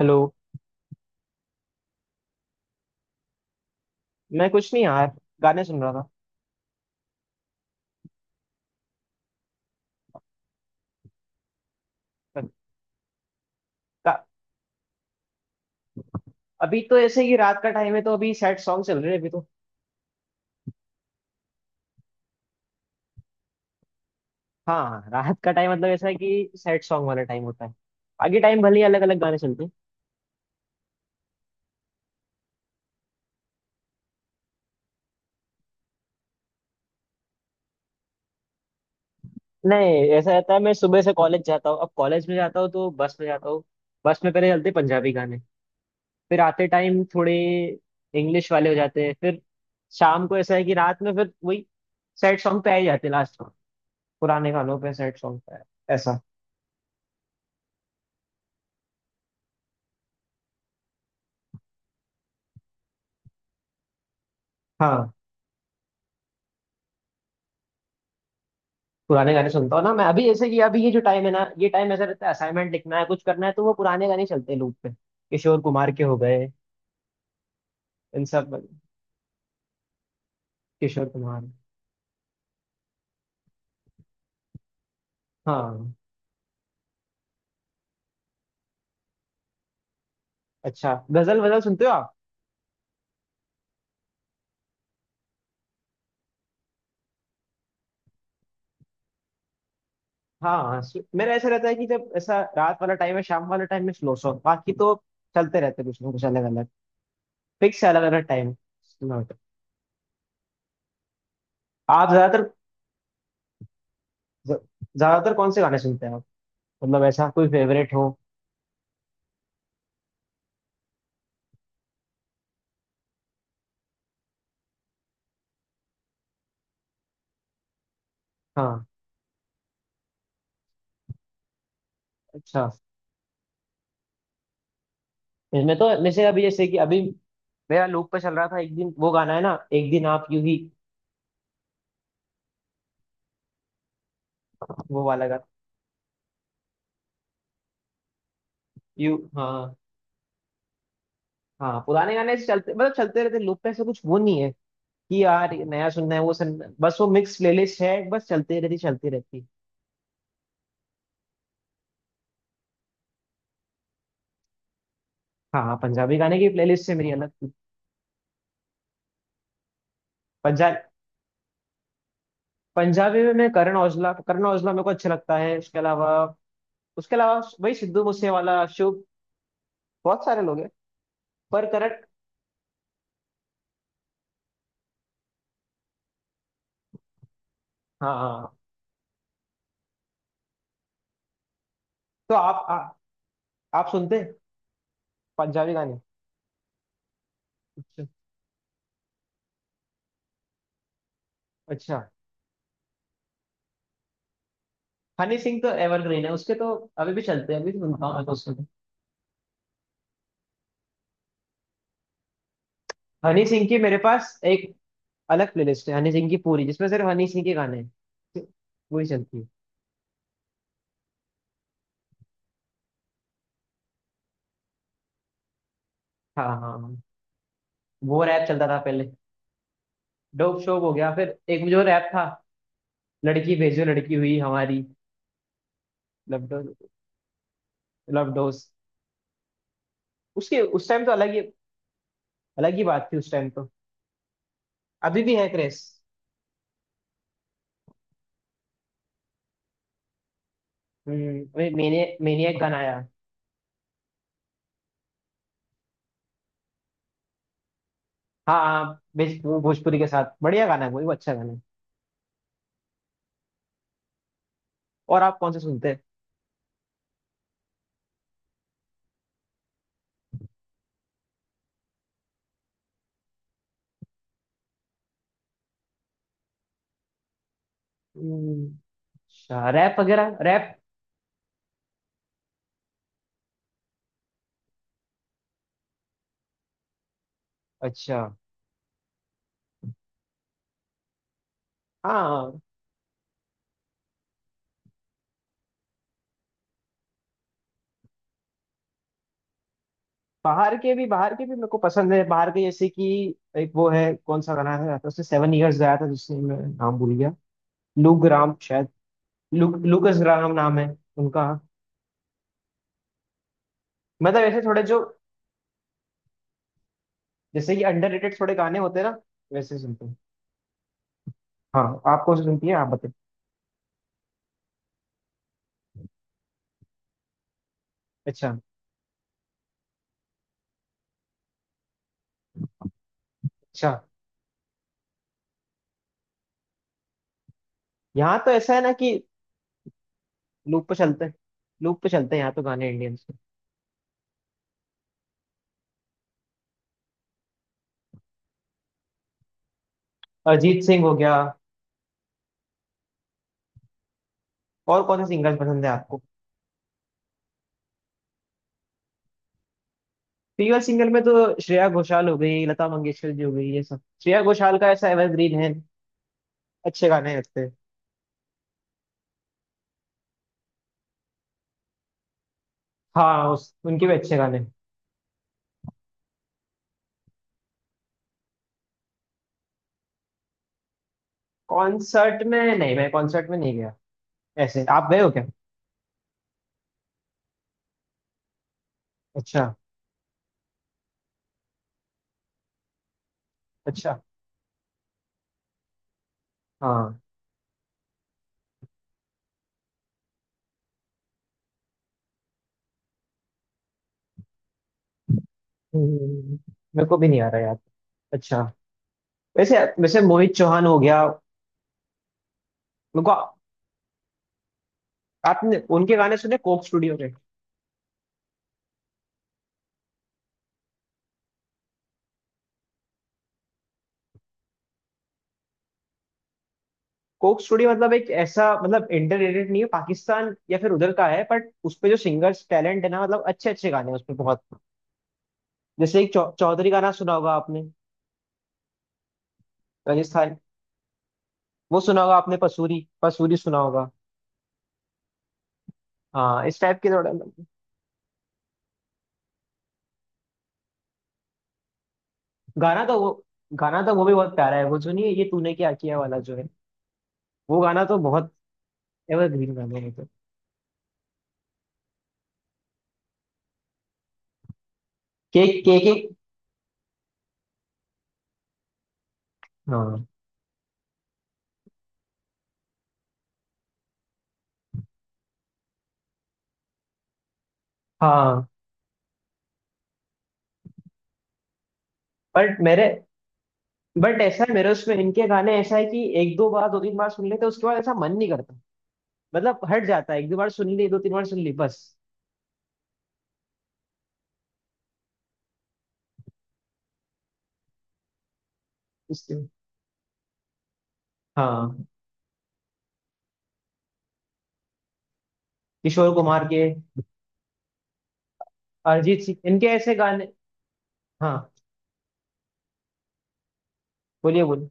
Hello. मैं कुछ नहीं यार। गाने सुन रहा था। का, अभी तो ऐसे ही रात का टाइम है तो अभी सैड सॉन्ग चल रहे हैं अभी तो। हाँ हाँ, रात का टाइम मतलब ऐसा है कि सैड सॉन्ग वाला टाइम होता है। आगे टाइम भले ही अलग अलग गाने चलते हैं। नहीं ऐसा रहता है मैं सुबह से कॉलेज जाता हूँ अब कॉलेज में जाता हूँ तो बस में जाता हूँ। बस में पहले चलते हैं पंजाबी गाने। फिर आते टाइम थोड़े इंग्लिश वाले हो जाते हैं फिर। शाम को ऐसा है कि रात में फिर वही सैड सॉन्ग पे आ ही जाते हैं लास्ट में। पुराने गानों पे सैड सॉन्ग पे ऐसा। हाँ पुराने गाने सुनता हूँ ना मैं अभी जैसे कि अभी ये जो टाइम है ना ये टाइम ऐसा रहता है असाइनमेंट लिखना है कुछ करना है तो वो पुराने गाने चलते हैं लूप पे किशोर कुमार के हो गए। इन सब किशोर कुमार। हाँ। अच्छा गजल वजल सुनते हो आप? हाँ हाँ, मेरा ऐसा रहता है कि जब ऐसा रात वाला टाइम है शाम वाला टाइम में स्लो सॉन्ग बाकी तो चलते रहते हैं कुछ ना कुछ अलग अलग। फिक्स है अलग अलग टाइम। आप ज्यादातर। ज- ज्यादातर कौन से गाने सुनते हैं आप? मतलब ऐसा कोई फेवरेट हो? हाँ। अच्छा। इसमें तो जैसे अभी जैसे कि अभी मेरा लूप पे चल रहा था एक दिन वो गाना है ना एक दिन आप यू ही। वो वाला गाना। यू हाँ। हाँ पुराने गाने ऐसे चलते मतलब चलते रहते लूप पे ऐसा कुछ वो नहीं है कि यार ये नया सुनना है वो सुनना है। बस वो मिक्स प्लेलिस्ट है बस चलते रहती चलती रहती। हाँ हाँ पंजाबी गाने की प्लेलिस्ट से मेरी अलग थी। पंजाब पंजाबी में मैं करण औजला मेरे को अच्छा लगता है उसके अलावा। उसके अलावा वही सिद्धू मूसेवाला शुभ बहुत सारे लोग हैं। पर करण। हाँ हाँ। तो आप आप सुनते हैं पंजाबी गाने? अच्छा अच्छा। हनी सिंह तो एवरग्रीन है उसके तो अभी भी चलते हैं अभी भी सुनता हूँ मैं तो। हाँ उसके तो। हनी सिंह की मेरे पास एक अलग प्लेलिस्ट है हनी सिंह की पूरी जिसमें सिर्फ हनी सिंह के गाने हैं। वही चलती है। हाँ हाँ हाँ। वो रैप चलता था पहले। डोप शोप हो गया फिर एक जो रैप था। लड़की भेजो लड़की हुई हमारी। Love dose love dose. उसके उस टाइम तो अलग ही बात थी उस टाइम तो। अभी भी है क्रेज। मैंने मैंने एक गाना आया। हाँ हाँ भोजपुरी के साथ बढ़िया गाना है वो अच्छा गाना है। और आप कौन से सुनते हैं? हम्म, अच्छा रैप वगैरह रैप। अच्छा। हाँ बाहर के भी मेरे को पसंद है बाहर के जैसे कि एक वो है कौन सा गाना है तो उससे सेवन इयर्स आया था जिससे मैं नाम भूल गया। लू ग्राम शायद। लू लूकस ग्राम नाम है उनका। मतलब ऐसे थोड़े जो जैसे कि अंडररेटेड थोड़े गाने होते हैं ना वैसे सुनते हैं। हाँ आप कौन से सुनती हैं आप बताइए? अच्छा अच्छा। यहाँ तो ऐसा है ना कि लूप पे चलते हैं लूप पे चलते हैं यहाँ तो गाने इंडियंस के। अरिजीत सिंह हो गया और कौन से सिंगर्स पसंद है आपको? फीमेल सिंगर में तो श्रेया घोषाल हो गई लता मंगेशकर जी हो गई ये सब श्रेया घोषाल का ऐसा एवरग्रीन है। अच्छे गाने लगते हैं। हाँ उनके भी अच्छे गाने। कॉन्सर्ट में नहीं मैं कॉन्सर्ट में नहीं गया। ऐसे आप गए हो क्या? अच्छा अच्छा हाँ। हम्म, मेरे को भी नहीं आ रहा यार। अच्छा। वैसे वैसे मोहित चौहान हो गया। मेरे को। आपने उनके गाने सुने कोक स्टूडियो के? कोक स्टूडियो मतलब एक ऐसा मतलब इंटररेटेड नहीं है पाकिस्तान या फिर उधर का है बट उसपे जो सिंगर्स टैलेंट है ना मतलब अच्छे अच्छे गाने हैं उसपे बहुत। जैसे एक चौधरी का नाम सुना होगा आपने। राजस्थान। वो सुना होगा आपने पसूरी पसूरी सुना होगा? हाँ इस टाइप के थोड़ा। गाना तो वो गाना तो वो भी बहुत प्यारा है वो जो नहीं है ये तूने क्या किया वाला जो है। वो गाना तो बहुत एवरग्रीन गाना है तो। केक केक एक। हाँ हाँ। बट मेरे बट ऐसा है मेरे उसमें इनके गाने ऐसा है कि एक दो बार दो तीन बार सुन लेते हैं, उसके बाद ऐसा मन नहीं करता। मतलब हट जाता है एक दो बार सुन ली दो तीन बार सुन ली बस। उसके। हाँ। किशोर कुमार के अरिजीत सिंह इनके ऐसे गाने। हाँ। बोलिए बोलिए।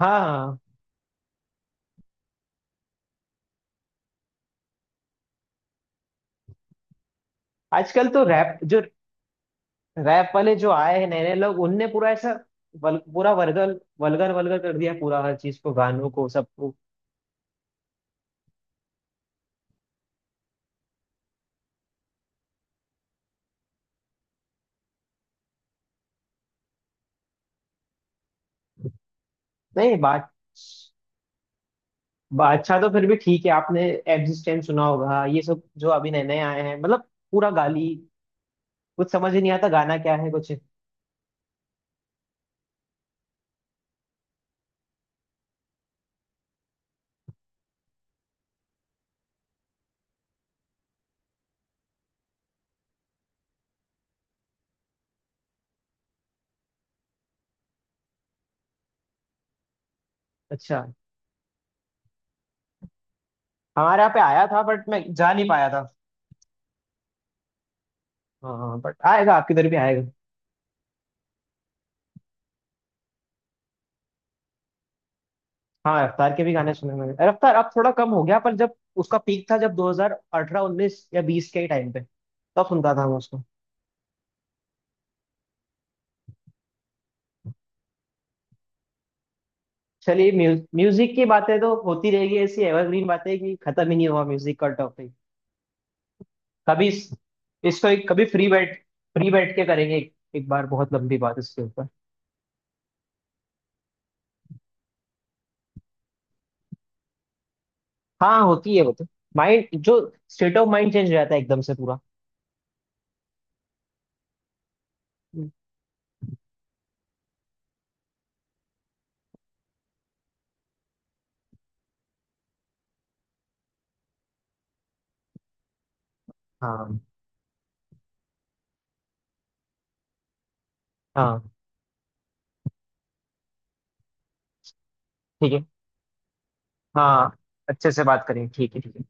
हाँ हाँ हाँ। आजकल तो रैप जो रैप वाले जो आए हैं नए नए लोग उनने पूरा ऐसा पूरा वर्गल वल्गर वल्गर कर दिया पूरा हर चीज को गानों को सबको। नहीं बात अच्छा तो फिर भी ठीक है आपने एग्जिस्टेंस सुना होगा ये सब जो अभी नए नए आए हैं मतलब पूरा गाली कुछ समझ ही नहीं आता गाना क्या है कुछ। अच्छा। हमारे यहाँ पे आया था बट मैं जा नहीं पाया था। हाँ हाँ, हाँ, बट आएगा आपकी इधर भी आएगा। हाँ रफ्तार के भी गाने सुने मैंने रफ्तार अब थोड़ा कम हो गया पर जब उसका पीक था जब 2018 19 या 20 के टाइम पे तब सुनता था मैं उसको। चलिए म्यूजिक की बातें तो होती रहेगी ऐसी एवरग्रीन बातें कि खत्म ही नहीं हुआ म्यूजिक का टॉपिक। कभी इसको एक कभी फ्री बैठ फ्री बैठ के करेंगे एक बार बहुत लंबी बात इसके ऊपर। हाँ होती है वो तो माइंड जो स्टेट ऑफ माइंड चेंज हो जाता है एकदम से पूरा। हाँ हाँ। ठीक है। हाँ। अच्छे से बात करेंगे ठीक है ठीक है।